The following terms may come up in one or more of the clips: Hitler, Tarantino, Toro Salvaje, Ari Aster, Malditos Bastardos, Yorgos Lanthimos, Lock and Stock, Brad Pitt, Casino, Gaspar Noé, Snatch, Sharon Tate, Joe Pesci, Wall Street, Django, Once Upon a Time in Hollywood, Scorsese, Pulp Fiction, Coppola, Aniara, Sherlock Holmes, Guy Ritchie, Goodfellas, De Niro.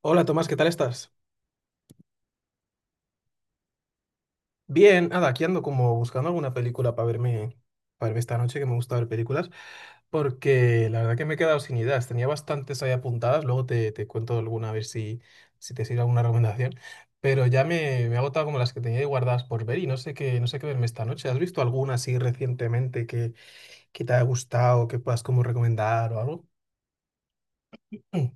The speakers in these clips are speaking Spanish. Hola Tomás, ¿qué tal estás? Bien, nada, aquí ando como buscando alguna película para verme esta noche, que me gusta ver películas, porque la verdad que me he quedado sin ideas. Tenía bastantes ahí apuntadas, luego te cuento alguna a ver si te sirve alguna recomendación, pero ya me he agotado como las que tenía ahí guardadas por ver y no sé qué verme esta noche. ¿Has visto alguna así recientemente que te haya gustado, que puedas como recomendar o algo? Mm,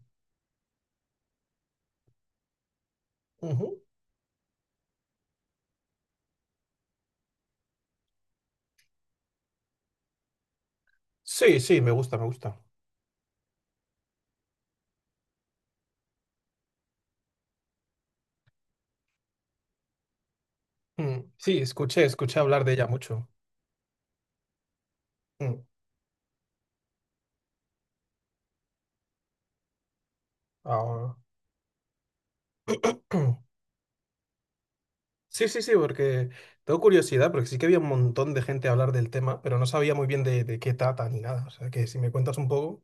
ujú. Sí, sí, me gusta, me gusta. Mm, sí, escuché hablar de ella mucho. Mm, ahora- Sí, sí, sí, porque tengo curiosidad, porque sí que había un montón de gente a hablar del tema, pero no sabía muy bien de qué trata ni nada. O sea, que si me cuentas un poco,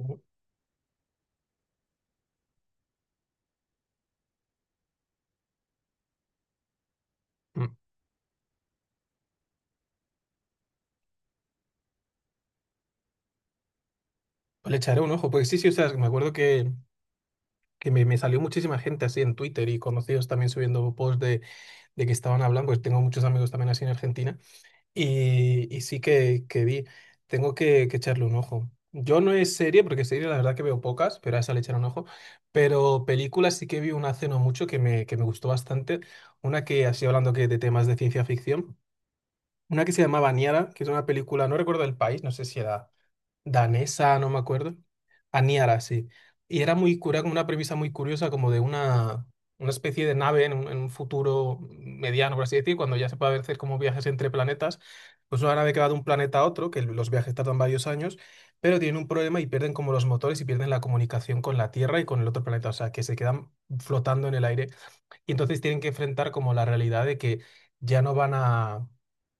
uh, mm, pues le echaré un ojo. Porque sí, sí, o sea, me acuerdo que me salió muchísima gente así en Twitter y conocidos también subiendo posts de que estaban hablando, pues tengo muchos amigos también así en Argentina. Y sí que vi, tengo que echarle un ojo. Yo no es serie, porque serie la verdad que veo pocas, pero a esa le echaré un ojo. Pero películas sí que vi una hace no mucho que me gustó bastante. Una que, así hablando que de temas de ciencia ficción, una que se llamaba Niara, que es una película, no recuerdo el país, no sé si era danesa, no me acuerdo. Aniara, sí. Y era muy cura, una premisa muy curiosa, como de una especie de nave en un futuro mediano, por así decir, cuando ya se puede hacer como viajes entre planetas. Pues una nave que va de un planeta a otro, que los viajes tardan varios años, pero tienen un problema y pierden como los motores y pierden la comunicación con la Tierra y con el otro planeta, o sea, que se quedan flotando en el aire. Y entonces tienen que enfrentar como la realidad de que ya no van a,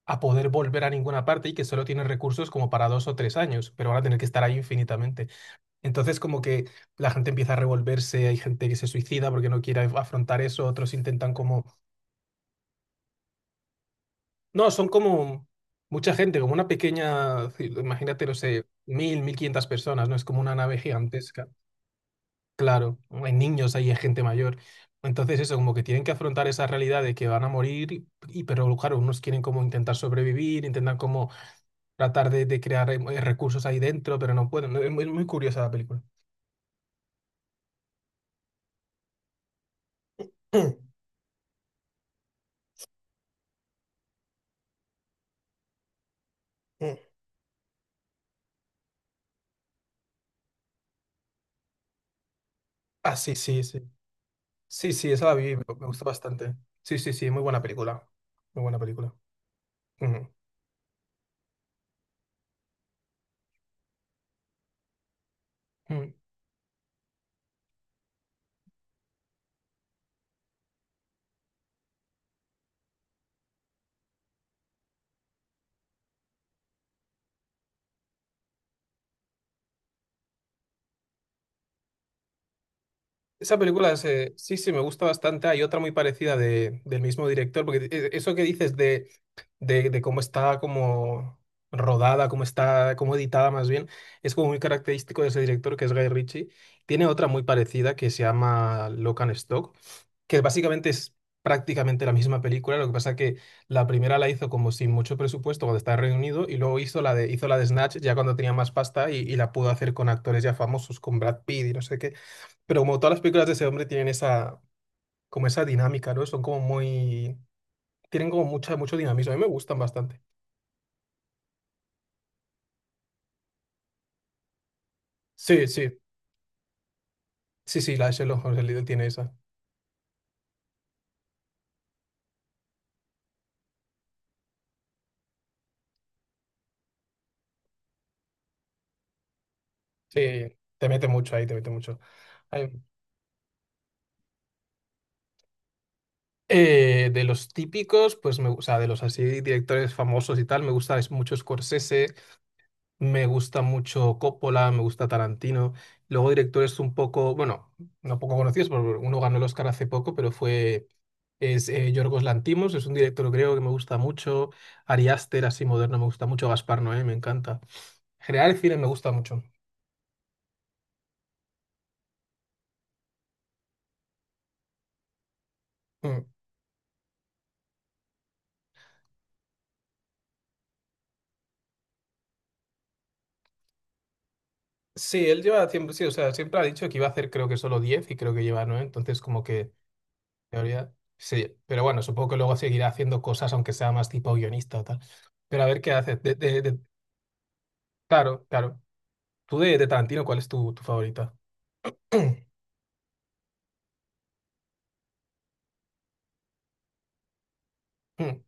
a poder volver a ninguna parte y que solo tienen recursos como para 2 o 3 años, pero van a tener que estar ahí infinitamente. Entonces como que la gente empieza a revolverse, hay gente que se suicida porque no quiere afrontar eso, otros intentan como... No, son como mucha gente, como una pequeña, imagínate, no sé, 1.500 personas, ¿no? Es como una nave gigantesca. Claro, hay niños, ahí, hay gente mayor. Entonces eso, como que tienen que afrontar esa realidad de que van a morir, pero claro, unos quieren como intentar sobrevivir, intentan como tratar de crear recursos ahí dentro, pero no pueden. Es muy, muy curiosa la película. Mm, mm. Ah, sí, sí, sí. Sí, sí, esa la vi, me gustó bastante. Sí, sí, sí, muy buena película. Muy buena película. Ujú. Mm. Esa película sí, sí, me gusta bastante. Hay otra muy parecida del mismo director, porque eso que dices de cómo está como rodada, cómo editada más bien, es como muy característico de ese director que es Guy Ritchie. Tiene otra muy parecida que se llama Lock and Stock, que básicamente es prácticamente la misma película, lo que pasa que la primera la hizo como sin mucho presupuesto cuando estaba reunido y luego hizo la de Snatch ya cuando tenía más pasta y la pudo hacer con actores ya famosos, con Brad Pitt y no sé qué. Pero como todas las películas de ese hombre tienen esa, como esa dinámica, ¿no? Son como muy, tienen como mucha, mucho dinamismo. A mí me gustan bastante. Sí, sí, sí, sí, la de Sherlock Holmes, el Lidl tiene esa. Sí, te mete mucho ahí, te mete mucho. Ay, de los típicos, pues o sea, de los así directores famosos y tal, me gusta es mucho Scorsese. Me gusta mucho Coppola, me gusta Tarantino. Luego directores un poco, bueno, no poco conocidos, porque uno ganó el Oscar hace poco, es Yorgos Lanthimos, es un director creo que me gusta mucho. Ari Aster, así moderno, me gusta mucho. Gaspar Noé, me encanta. En general el cine me gusta mucho. Mm. Sí, él lleva siempre, sí, o sea, siempre ha dicho que iba a hacer creo que solo 10 y creo que lleva 9 entonces como que, en teoría, sí, pero bueno, supongo que luego seguirá haciendo cosas aunque sea más tipo guionista o tal. Pero a ver qué hace. Claro, claro. Tú de Tarantino, ¿cuál es tu favorita? Mm,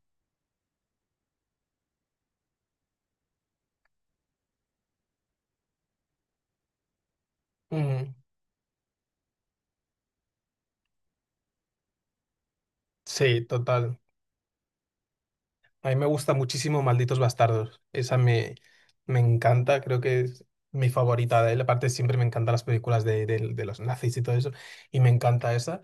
mm. Sí, total. A mí me gusta muchísimo Malditos Bastardos. Esa me encanta, creo que es mi favorita de él. Aparte, siempre me encantan las películas de los nazis y todo eso. Y me encanta esa.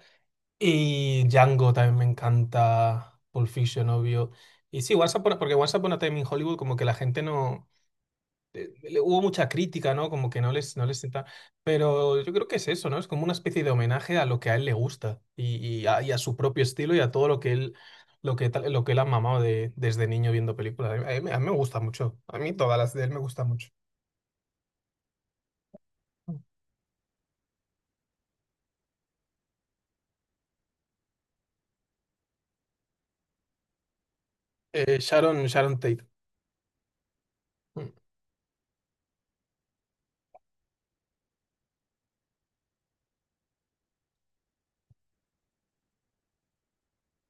Y Django también me encanta. Pulp Fiction, obvio. Y sí, porque Once Upon a Time in Hollywood, como que la gente no. Hubo mucha crítica, ¿no? Como que no les, no les senta. Pero yo creo que es eso, ¿no? Es como una especie de homenaje a lo que a él le gusta y a su propio estilo y a todo lo que él, lo que él ha mamado desde niño viendo películas. A mí me gusta mucho. A mí todas las de él me gustan mucho. Sharon Tate. Mm.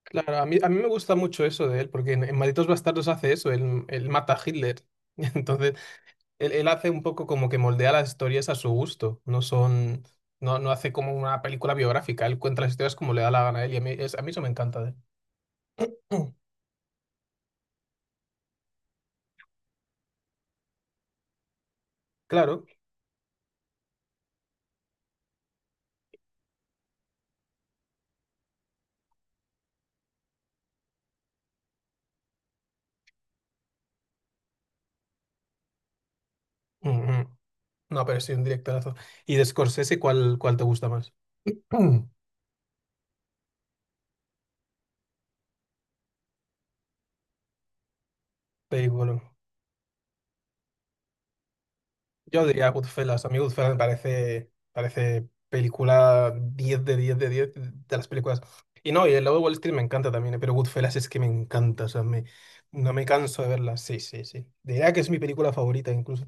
Claro, a mí me gusta mucho eso de él, porque en Malditos Bastardos hace eso, él mata a Hitler. Entonces, él hace un poco como que moldea las historias a su gusto. No son, no, no hace como una película biográfica. Él cuenta las historias como le da la gana a él y a mí, a mí eso me encanta de él. Mm, Claro. Mm, mm. No, pero sí, un directorazo. ¿Y de Scorsese cuál, cuál te gusta más? Mm, Película. Yo diría Goodfellas. A mí Goodfellas me parece película 10 de 10 de 10 de las películas. Y no, y el lado de Wall Street me encanta también, pero Goodfellas es que me encanta. O sea, no me canso de verla. Sí, sí, sí. Diría que es mi película favorita incluso.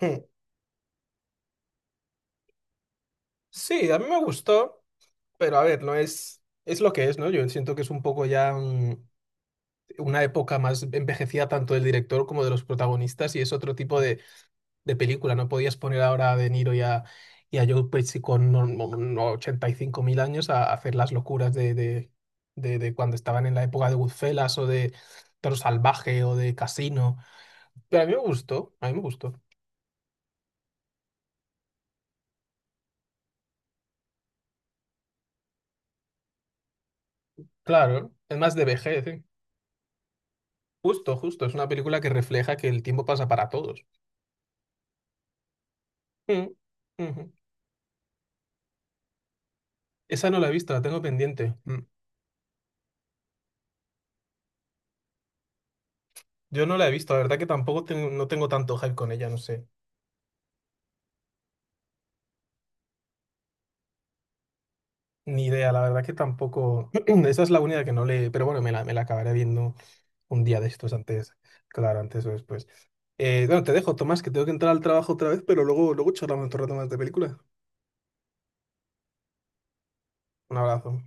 Hmm. Sí, a mí me gustó, pero a ver, no es, es lo que es, ¿no? Yo siento que es un poco ya una época más envejecida tanto del director como de los protagonistas y es otro tipo de película. No podías poner ahora a De Niro y a Joe Pesci con no- no- no, 85.000 años a hacer las locuras de cuando estaban en la época de Goodfellas o de Toro Salvaje o de Casino. Pero a mí me gustó, a mí me gustó. Claro, es más de vejez, ¿eh? Justo, justo, es una película que refleja que el tiempo pasa para todos. Mm, ujú. Esa no la he visto, la tengo pendiente. Mm. Yo no la he visto, la verdad que tampoco tengo, no tengo tanto hype con ella, no sé. Ni idea, la verdad que tampoco. Esa es la única que no le. Pero bueno, me la acabaré viendo un día de estos antes. Claro, antes o después. Bueno, te dejo, Tomás, que tengo que entrar al trabajo otra vez, pero luego, luego charlamos otro rato más de película. Un abrazo.